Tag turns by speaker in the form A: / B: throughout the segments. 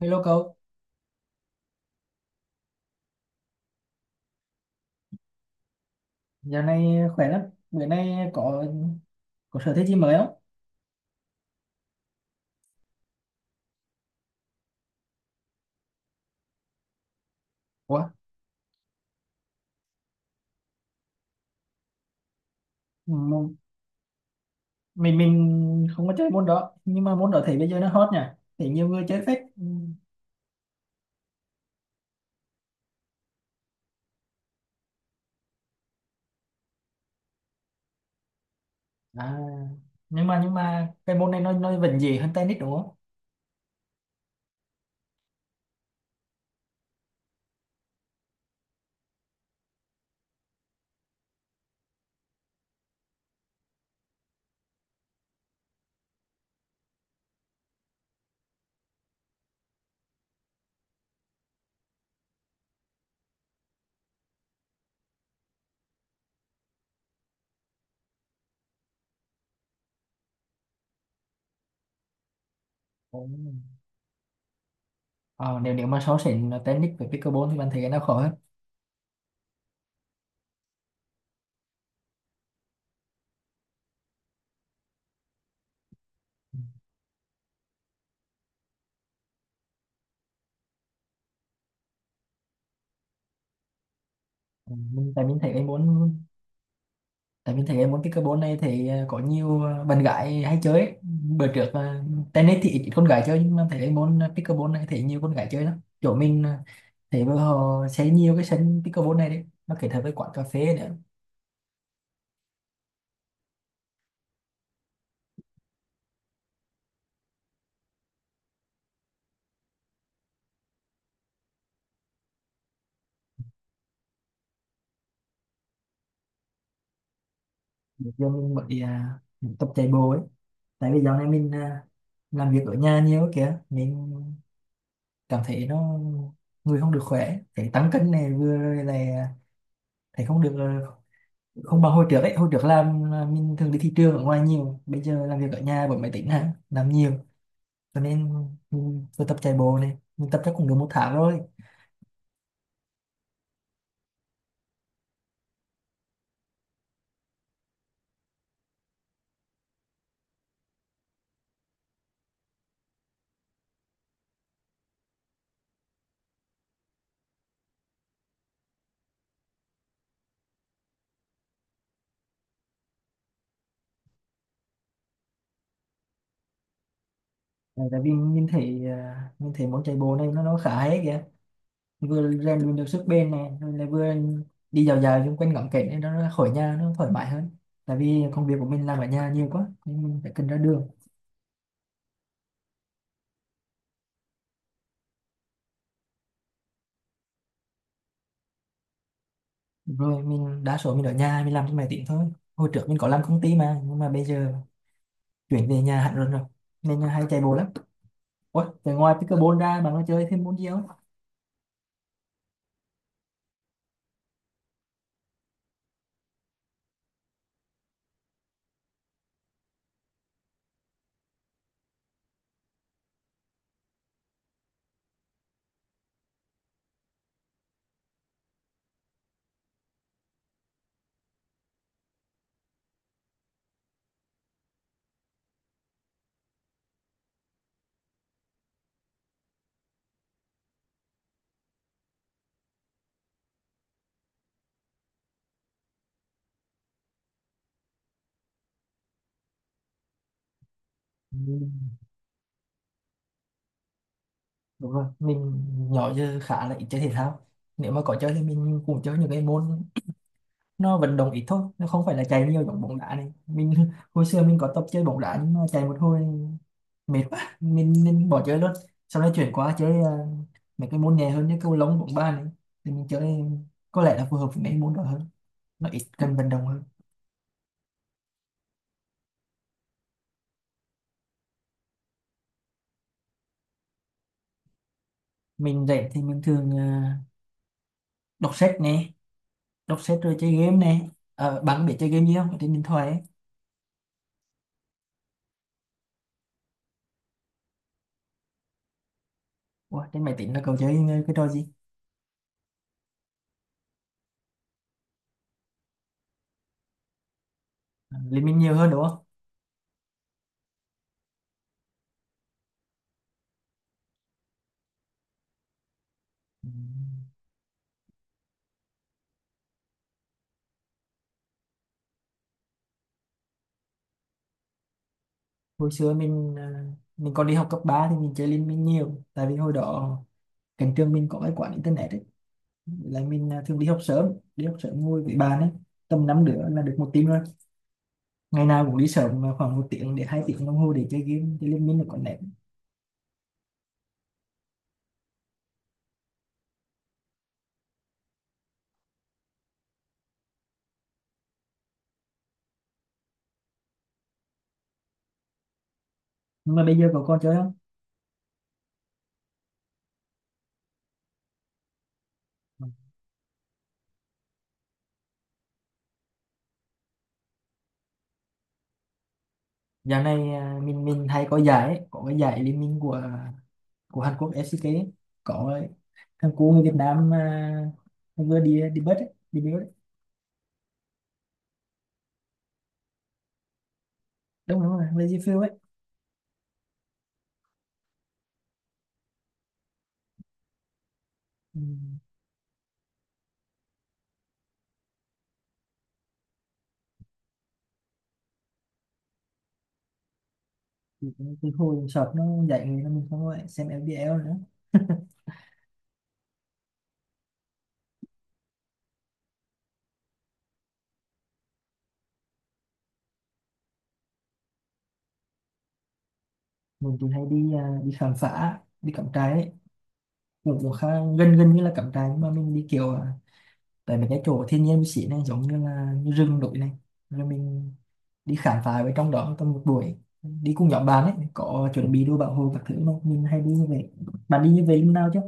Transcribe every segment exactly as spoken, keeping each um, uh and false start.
A: Hello cậu, giờ này khỏe lắm. Bữa nay có có sở thích gì mới không? Ủa, m- mình mình không có chơi môn đó, nhưng mà môn đó thấy bây giờ nó hot nhỉ. Thấy nhiều người chơi phết. Ừ. À, nhưng mà nhưng mà cái môn này nó nó vẫn dễ hơn tennis đúng không? Ồ. Ờ, nếu nếu mà so sánh tennis với pickleball thì bạn thấy cái nào khó hơn? Ừ, mình tại mình thấy cái môn tại vì thấy em muốn cái cơ bố này thì ờ, có nhiều ờ, bạn gái hay chơi ấy. Bữa trước ờ, tennis thì ít con gái chơi nhưng mà thấy cái môn pickleball này thì nhiều con gái chơi lắm chỗ mình ờ, thì bây giờ họ xây nhiều cái sân pickleball này đấy nó kết hợp với quán cà phê nữa để cho mình mới à, tập chạy bộ ấy tại vì dạo này mình à, làm việc ở nhà nhiều kìa mình cảm thấy nó người không được khỏe thấy tăng cân này vừa là thấy không được à, không bằng hồi trước ấy hồi trước làm là mình thường đi thị trường ở ngoài nhiều bây giờ làm việc ở nhà với máy tính hả làm nhiều cho nên mình vừa tập chạy bộ này mình tập chắc cũng được một tháng rồi. Đấy, tại vì mình thấy à, mình thấy môn chạy bộ này nó nó khá hay kìa vừa rèn luyện được sức bền này rồi lại vừa đi dạo dạo xung quanh ngắm cảnh nên nó nó khỏi nhà nó thoải mái hơn tại vì công việc của mình làm ở nhà nhiều quá nên mình phải cần ra đường rồi mình đa số mình ở nhà mình làm trên máy tính thôi. Hồi trước mình có làm công ty mà nhưng mà bây giờ chuyển về nhà hẳn luôn rồi nên là hay chạy bộ lắm. Ủa, từ ngoài pickleball ra bạn có chơi thêm môn gì không? Ừ, đúng rồi, mình nhỏ giờ khá là ít chơi thể thao. Nếu mà có chơi thì mình cũng chơi những cái môn nó vận động ít thôi, nó không phải là chạy nhiều giống bóng đá này. Mình hồi xưa mình có tập chơi bóng đá nhưng mà chạy một hồi mệt quá, mình nên bỏ chơi luôn. Sau đó chuyển qua chơi ờ, mấy cái môn nhẹ hơn như cầu lông, bóng bàn này. Thì mình chơi có lẽ là phù hợp với mấy môn đó hơn, nó ít cần vận động hơn. Mình rảnh thì mình thường ờ, đọc sách nè, đọc sách rồi chơi game nè. Ờ, bạn biết chơi game gì không? Ở trên điện thoại ấy. Ủa, trên máy tính là cậu chơi ờ, cái trò gì? Ờ, Liên Minh nhiều hơn đúng không? Ừ. Hồi xưa mình ờ, mình còn đi học cấp ba thì mình chơi Liên Minh nhiều tại vì hồi đó cạnh trường mình có cái quán internet ấy là mình ờ, thường đi học sớm, đi học sớm ngồi với bạn ấy tầm năm đứa là được một team rồi, ngày nào cũng đi sớm mà khoảng một tiếng đến hai tiếng đồng hồ để chơi game, chơi Liên Minh là có nét. Nhưng mà bây giờ cậu còn chơi không? Dạo này à, mình mình hay có giải ấy, có cái giải Liên Minh của của Hàn Quốc ét xê ca ấy. Có thằng cu người Việt Nam à, vừa đi đi bớt ấy, đi bớt ấy. Đúng đúng rồi Lazy Field ấy. Ừ. Thì cũng từ hồi sọt nó dạy người mình không có xem lờ bê lờ nữa. Mình thì hay đi à, đi khám phá, đi cắm trại ấy, cũng cũng khá gần gần như là cắm trại nhưng mà mình đi kiểu à, tại mấy cái chỗ thiên nhiên xịn này giống như là như rừng đồi này rồi mình đi khám phá ở trong đó trong một buổi, đi cùng nhóm bạn ấy có chuẩn bị đồ bảo hộ các thứ mà mình hay đi như vậy. Bạn đi như vậy lúc nào chứ?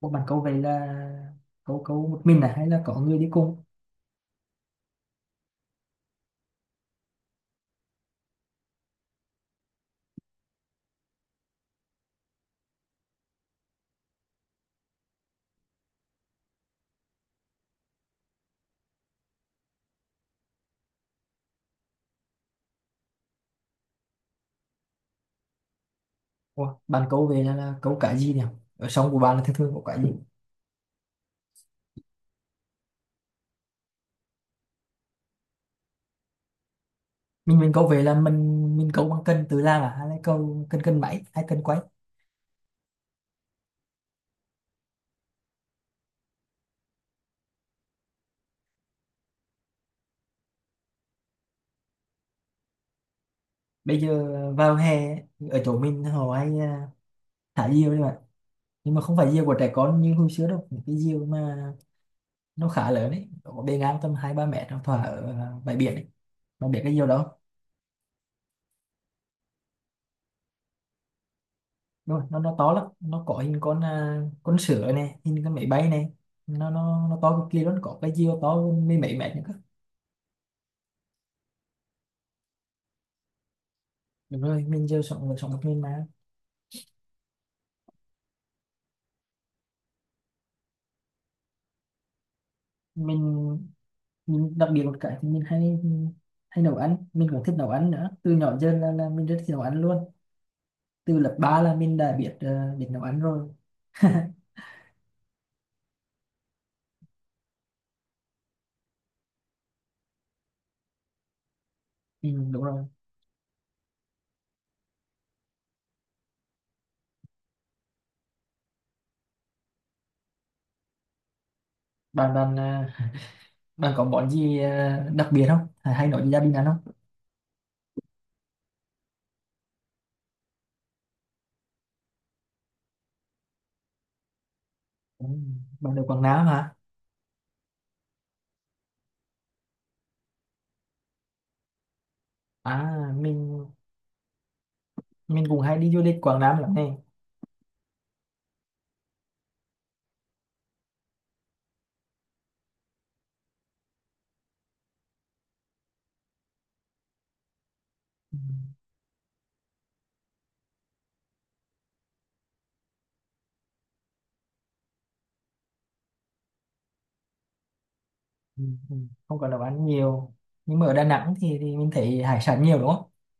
A: Ủa, bạn cậu về là cậu, cậu một mình này hay là có người đi cùng? Ủa, bạn cậu về là, là cậu cá gì nhỉ? Ở sông của bạn là thường thường có cá gì? Mình mình cậu về là mình mình cậu bằng cân tự làm à hay là câu cân, cân máy hay cân quay? Bây giờ vào hè ở chỗ mình họ hay à, thả diều đấy bạn, nhưng mà không phải diều của trẻ con như hồi xưa đâu. Những cái diều mà nó khá lớn đấy có bề ngang tầm hai ba mét nó thả ở à, bãi biển ấy. Bạn biết cái diều đó rồi, nó nó to lắm, nó có hình con à, con sửa này, hình con máy bay này, nó nó nó to cực kỳ luôn, có cái diều to hơn mấy mấy mét nữa cơ. Đúng rồi, mình giờ sống, người sống một mình mà. Mình mình đặc biệt một cái thì mình hay hay nấu ăn, mình cũng thích nấu ăn nữa, từ nhỏ giờ là, là mình rất thích nấu ăn luôn. Từ lớp ba là mình đã biết ờ, biết nấu ăn rồi. Ừ, đúng rồi. Bạn bạn à, bạn có món gì à, đặc biệt không, hay hay nấu cho gia đình ăn không? Ừ, bạn ở Quảng Nam hả? À mình mình cũng hay đi du lịch Quảng Nam lắm này. Ừ, ừ. Không có đồ ăn nhiều nhưng mà ở Đà Nẵng thì thì mình thấy hải sản nhiều đúng không?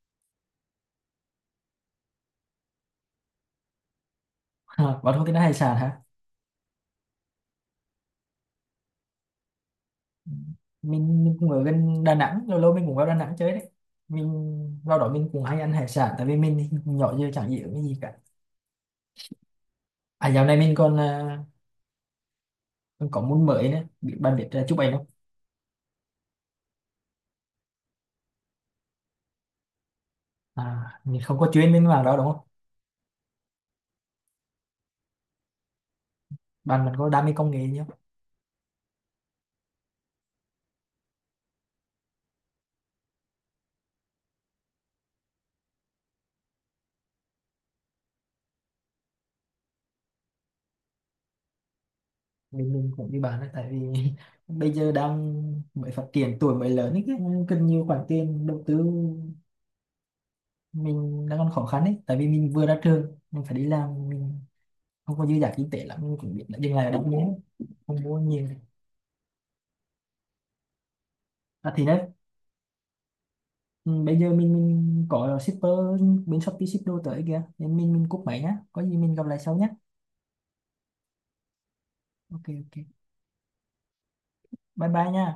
A: À, bạn không thích ăn hải sản hả? Ừ. mình, mình cũng ở gần Đà Nẵng, lâu lâu mình cũng vào Đà Nẵng chơi đấy, mình vào đó mình cũng hay ăn hải sản tại vì mình thì cũng nhỏ giờ chẳng hiểu cái gì cả. À dạo này mình còn à, còn có môn mới nữa, biết bạn biết uh, chụp ảnh không? À mình không có chuyên bên mảng đó đúng không? Bạn mình có đam mê công nghệ nhá. Mình mình cũng như bạn đấy tại vì bây giờ đang mới phát triển tuổi mới lớn ấy, cần nhiều khoản tiền đầu tư. Mình đang còn khó khăn ấy tại vì mình vừa ra trường mình phải đi làm, mình không có dư giả kinh tế lắm, mình cũng biết là dừng lại ở đâu nhé, không mua nhiều. À thì đấy, ừ, bây giờ mình mình có shipper bên Shopee ship đồ tới kìa nên mình mình cúp máy nhá, có gì mình gặp lại sau nhá. Ok ok, bye bye nha.